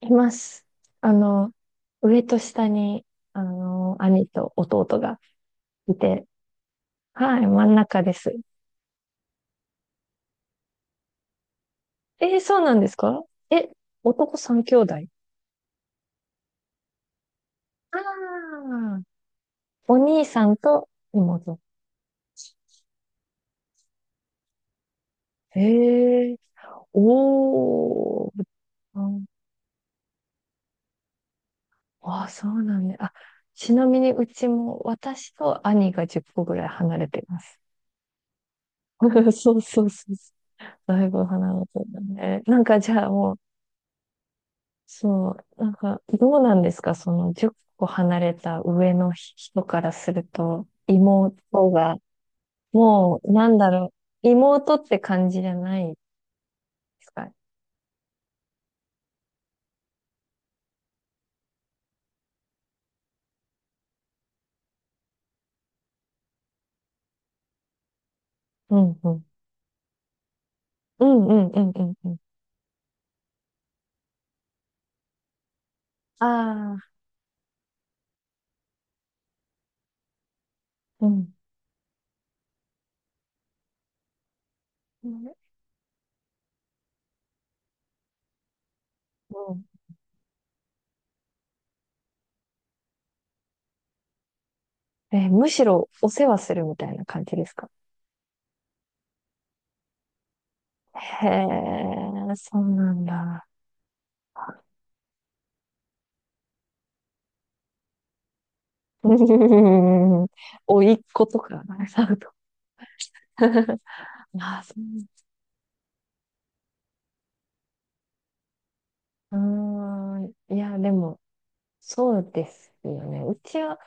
います。あの、上と下に、兄と弟がいて、はい、真ん中です。えーそうなんですか？え、男三兄弟あ、あー、お兄さんと妹。へえ、おー、ああ、そうなんだ。あ、ちなみにうちも私と兄が10個ぐらい離れています。そうそうそうそう。だいぶ離れてるんだね。なんかじゃあもう、そう、なんか、どうなんですかその10個離れた上の人からすると、妹が、もう、なんだろう、妹って感じじゃないですか？うんうん。うんうんうんうんうん。ああ、うん。うん。え、むしろお世話するみたいな感じですか？へえ、そうなんだ。うん、おいっ子とか、なるほど。ああ、そう。うーん。いや、でも、そうですよね。うちは、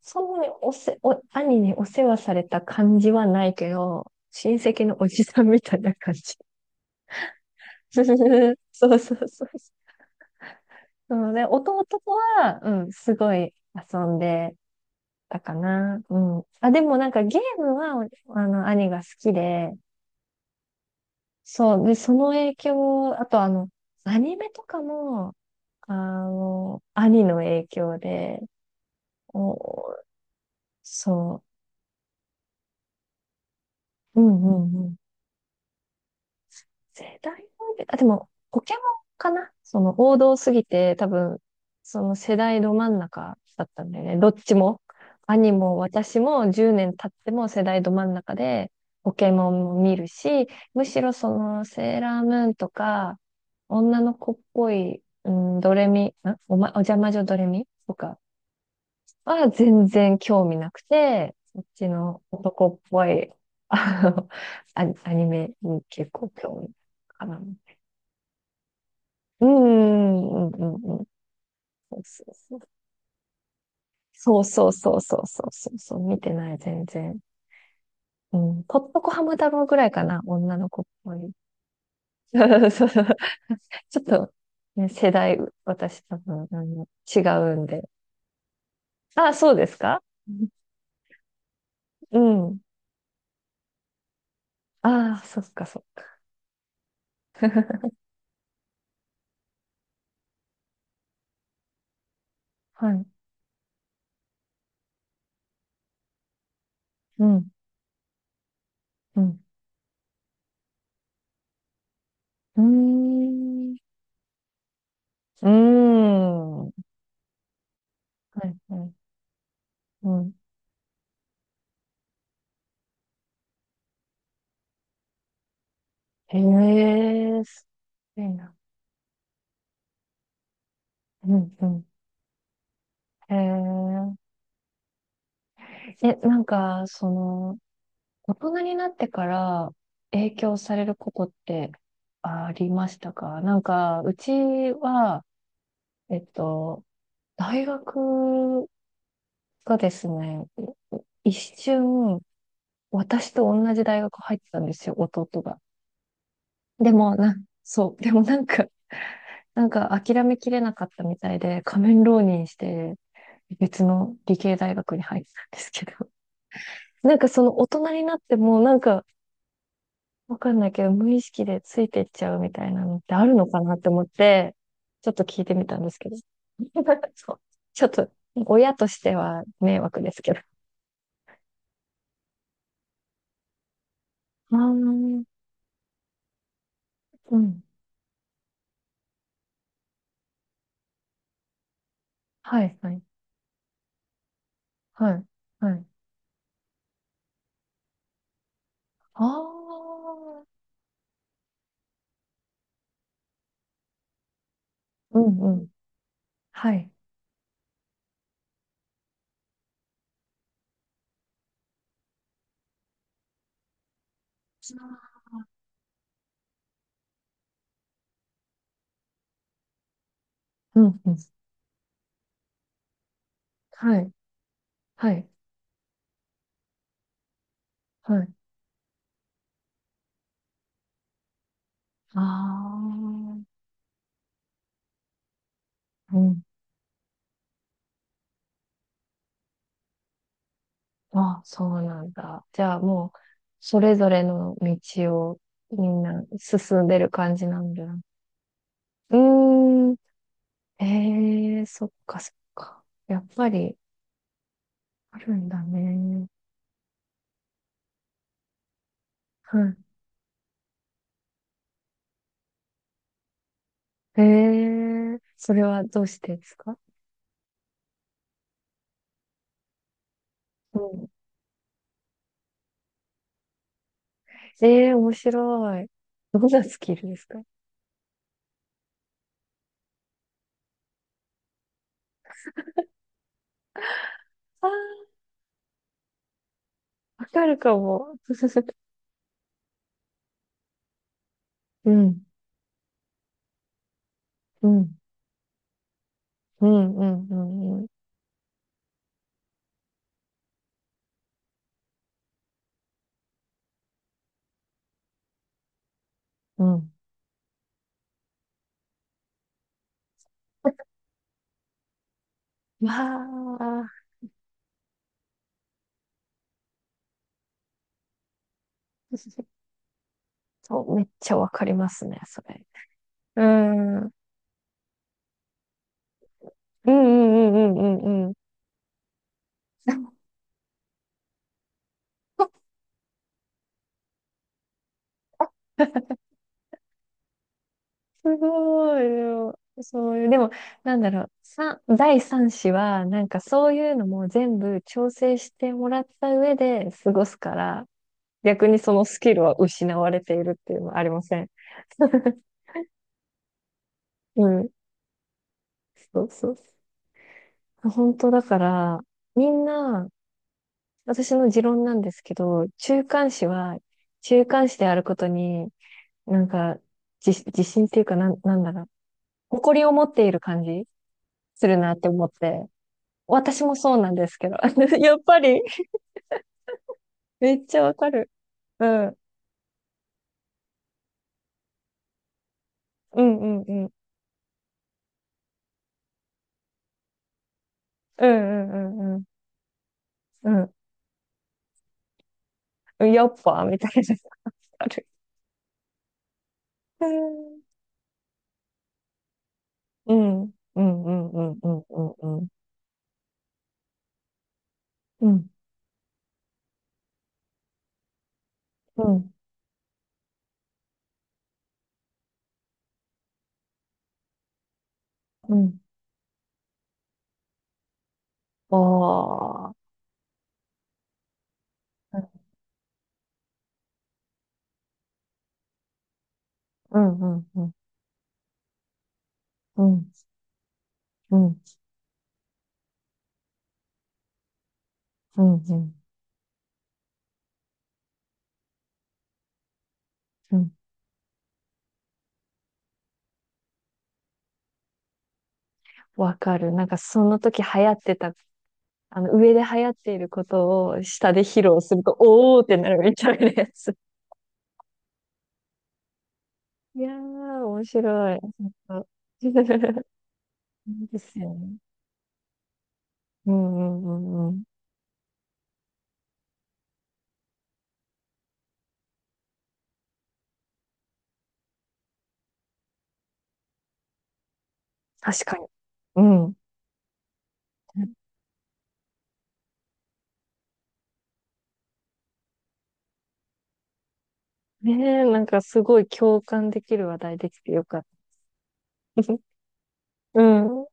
そうね、おせ、お、兄にお世話された感じはないけど、親戚のおじさんみたいな感じ。そうそうそうそう。なので、弟とは、うん、すごい遊んでたかな。うん。あ、でもなんかゲームは、兄が好きで、そう。で、その影響、あとアニメとかも、兄の影響で、お、そう。うんうんうん。世代のべあ、でも、ポケモンかな、その王道すぎて、多分、その世代ど真ん中だったんだよね。どっちも。兄も私も10年経っても世代ど真ん中で、ポケモンも見るし、むしろそのセーラームーンとか、女の子っぽい、うん、ドレミ、んおま、お邪魔女ドレミとかは全然興味なくて、そっちの男っぽい、あの、アニメに結構興味かな。うん、うん、うん、うん。うん、そうそうそうそうそうそうそうそう、見てない、全然。うん。ポットコハム太郎ぐらいかな、女の子っぽい。そうそう、ちょっと、ね、世代、私多分、違うんで。あ、そうですか？うん。うん、ああ、そっかそっか。はい。うん、うん。うーん。うーん。はい、はい。うん。へえ、すごいな。うん、うん。へえ。え、なんか、大人になってから影響されることってありましたか？なんか、うちは、えっと、大学がですね、一瞬、私と同じ大学入ってたんですよ、弟が。でも、そう、でもなんか、諦めきれなかったみたいで、仮面浪人して、別の理系大学に入ってたんですけど。なんかその大人になっても、なんかわかんないけど、無意識でついてっちゃうみたいなのってあるのかなって思って、ちょっと聞いてみたんですけど。そう。ちょっと、親としては迷惑ですけど。ああ、うん。はい、はい、はい、はい。ああ、うん、うん。はい、うん、うん。はい、はい、はい。ああ、うん。ああ、そうなんだ。じゃあもう、それぞれの道をみんな進んでる感じなんだ。うーん。ええ、そっかそっか。やっぱりあるんだね。はい。ええ、それはどうしてですか？うん。ええ、面白い。どんなスキルですか？ああー、わかるかも。うん、うん、うん、うん、うん、うん。うん。 わあ、そう、めっちゃわかりますね、それ。うん。うんうんうんうんうんうん。 すごい。でもそういう、でも、なんだろう、第3子は、なんかそういうのも全部調整してもらった上で過ごすから、逆にそのスキルは失われているっていうのはありません？うん。そうそう。本当だから、みんな、私の持論なんですけど、中間子は、中間子であることに、なんか、自信っていうか、なんだろう、誇りを持っている感じするなって思って。私もそうなんですけど。やっぱり、めっちゃわかる。うん。うんうんうん。うんうんうんうん。うん。やっぱ、みたいな。わかる。うん。うんうんうんうんうんうん。うん。うんうん。ああ。うんうんうんうんうんうんうんうん、わかる。なんかその時流行ってた、あの上で流行っていることを下で披露すると、おーってなるみたいなやつ。いやー、面白い。本当。 いいですよね。うんうんうんうん。確かに。うん。ねえ、なんかすごい共感できる話題できてよかった。うん。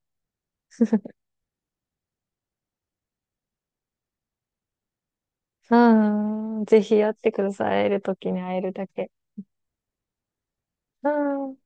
うん。ぜひ会ってください。会えるときに会えるだけ。うん。